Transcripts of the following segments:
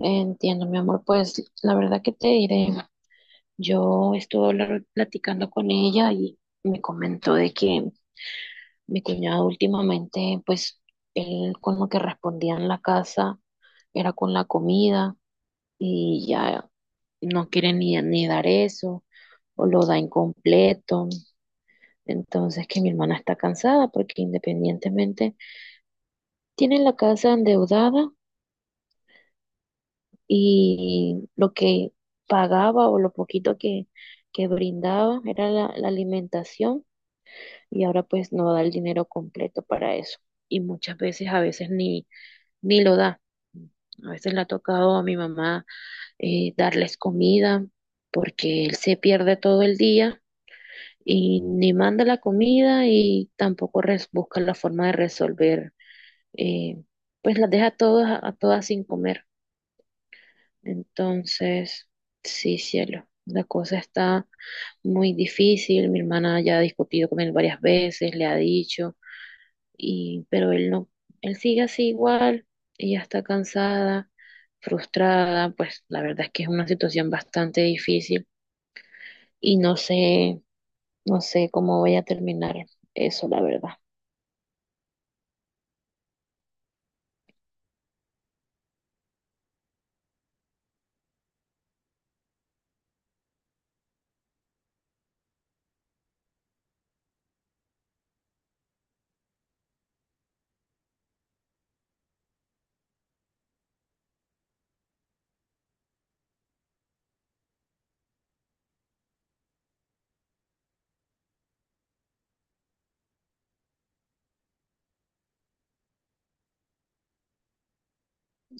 Entiendo, mi amor, pues la verdad que te diré, yo estuve platicando con ella y me comentó de que mi cuñado últimamente, pues él con lo que respondía en la casa era con la comida y ya no quiere ni dar eso o lo da incompleto. Entonces que mi hermana está cansada porque independientemente tiene la casa endeudada y lo que pagaba o lo poquito que brindaba era la alimentación y ahora pues no da el dinero completo para eso y muchas veces a veces ni lo da. A veces le ha tocado a mi mamá darles comida porque él se pierde todo el día y ni manda la comida y tampoco busca la forma de resolver, eh, pues las deja a todas sin comer. Entonces, sí, cielo, la cosa está muy difícil. Mi hermana ya ha discutido con él varias veces, le ha dicho, y, pero él no, él sigue así igual. Ella está cansada, frustrada, pues la verdad es que es una situación bastante difícil y no sé, no sé cómo voy a terminar eso, la verdad.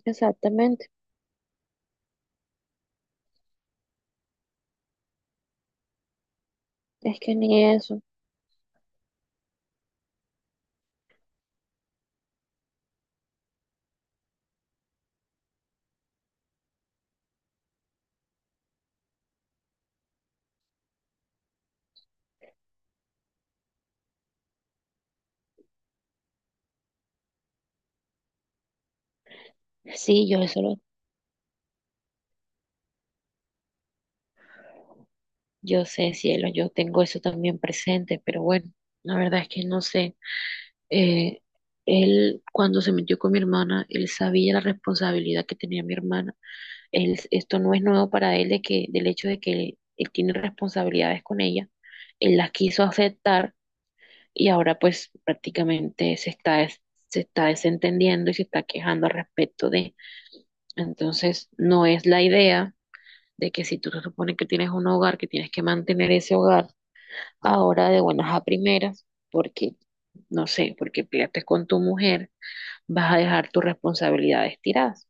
Exactamente, es que ni eso. Sí, yo eso lo, yo sé, cielo, yo tengo eso también presente, pero bueno, la verdad es que no sé. Eh, él, cuando se metió con mi hermana, él sabía la responsabilidad que tenía mi hermana. Él, esto no es nuevo para él de que, del hecho de que él tiene responsabilidades con ella. Él las quiso aceptar y ahora pues prácticamente se está, se está desentendiendo y se está quejando al respecto de. Entonces, no es la idea de que si tú se supone que tienes un hogar, que tienes que mantener ese hogar ahora de buenas a primeras, porque, no sé, porque peleaste con tu mujer vas a dejar tus responsabilidades tiradas.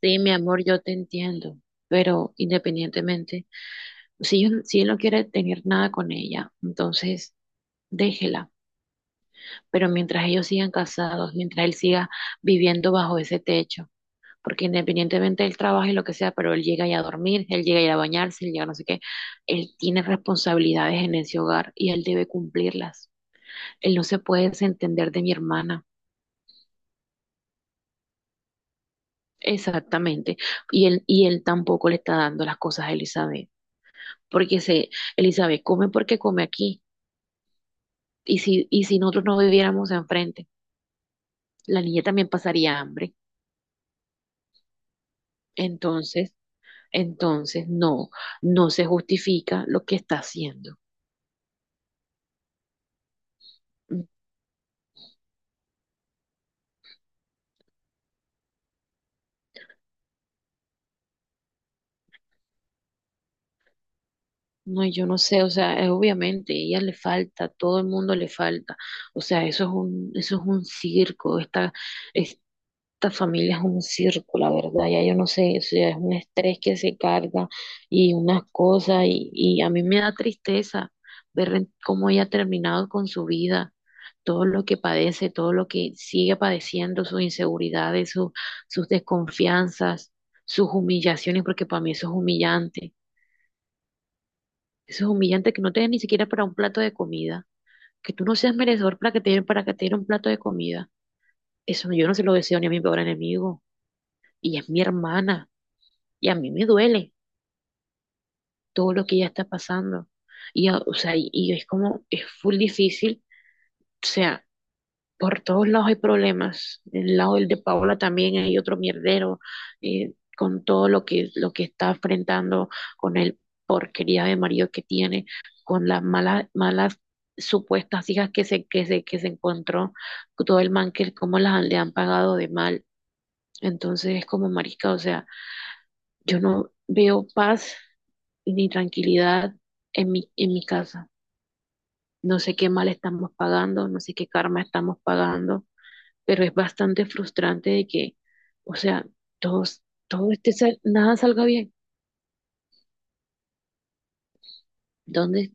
Sí, mi amor, yo te entiendo, pero independientemente, si, si él no quiere tener nada con ella, entonces déjela. Pero mientras ellos sigan casados, mientras él siga viviendo bajo ese techo, porque independientemente él trabaje lo que sea, pero él llega ya a dormir, él llega ya a bañarse, él llega a no sé qué, él tiene responsabilidades en ese hogar y él debe cumplirlas. Él no se puede desentender de mi hermana. Exactamente. Y él tampoco le está dando las cosas a Elizabeth, porque se, Elizabeth come porque come aquí. Y si nosotros no viviéramos enfrente, la niña también pasaría hambre. Entonces, entonces no, no se justifica lo que está haciendo. Mm. No, yo no sé, o sea, es obviamente, ella le falta, todo el mundo le falta. O sea, eso es un circo, está, esta familia es un circo, la verdad, ya yo no sé, o sea, es un estrés que se carga y unas cosas, y a mí me da tristeza ver cómo ella ha terminado con su vida, todo lo que padece, todo lo que sigue padeciendo, sus inseguridades, sus desconfianzas, sus humillaciones, porque para mí eso es humillante que no te den ni siquiera para un plato de comida, que tú no seas merecedor para que te den, para que te den un plato de comida, eso yo no se lo deseo ni a mi peor enemigo, y es mi hermana. Y a mí me duele todo lo que ella está pasando. Y, o sea, y es como, es full difícil. O sea, por todos lados hay problemas. El lado del de Paola también hay otro mierdero con todo lo que está enfrentando, con el porquería de marido que tiene, con las malas, malas supuestas hijas que se, que se, que se encontró, todo el man que cómo le han pagado de mal. Entonces es como marisca, o sea. Yo no veo paz ni tranquilidad en mi casa. No sé qué mal estamos pagando, no sé qué karma estamos pagando, pero es bastante frustrante de que, o sea, todos, todo este, nada salga bien. ¿Dónde,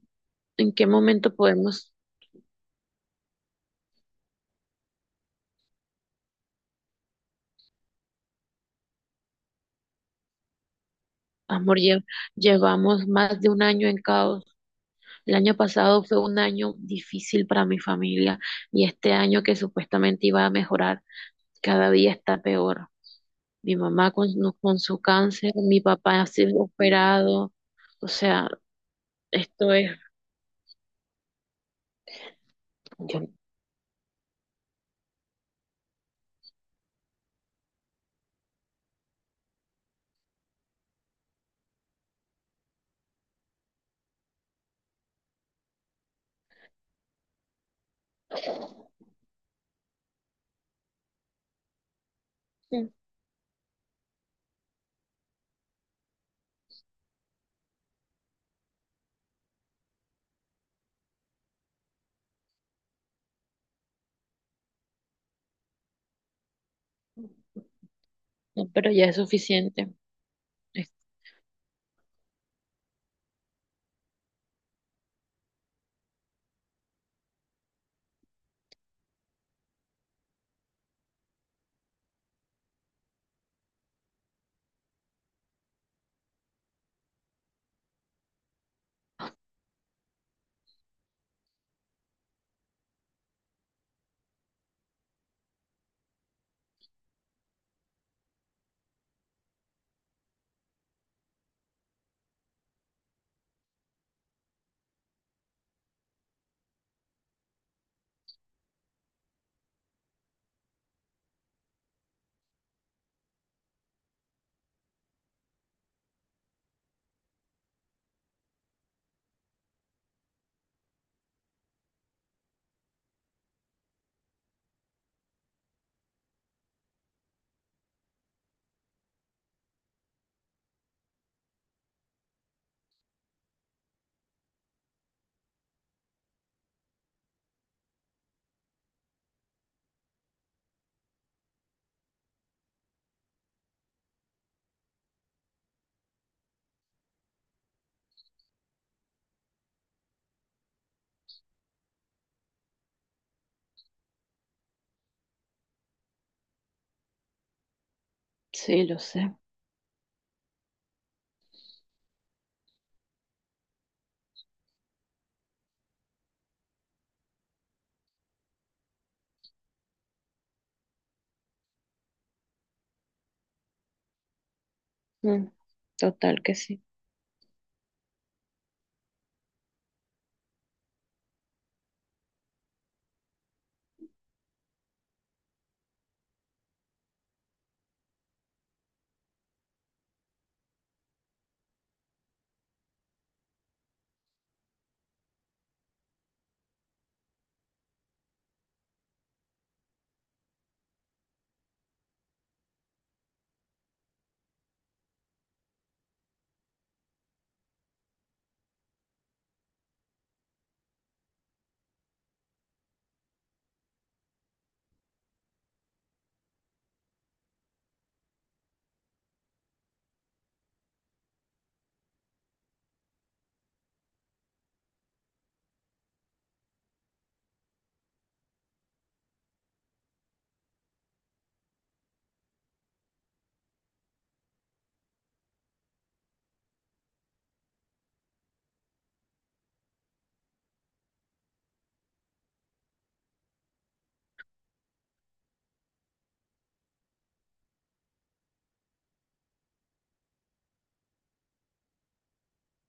en qué momento podemos, amor, llevamos más de un año en caos? El año pasado fue un año difícil para mi familia y este año que supuestamente iba a mejorar, cada día está peor. Mi mamá con, con su cáncer, mi papá ha sido operado, o sea, esto es, yo- no, pero ya es suficiente. Es- sí, lo sé. Mm, total que sí.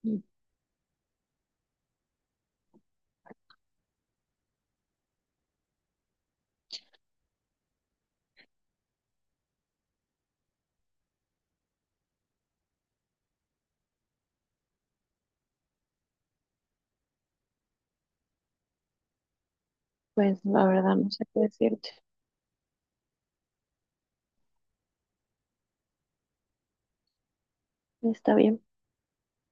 Mm. Pues la verdad no sé qué decirte. Está bien.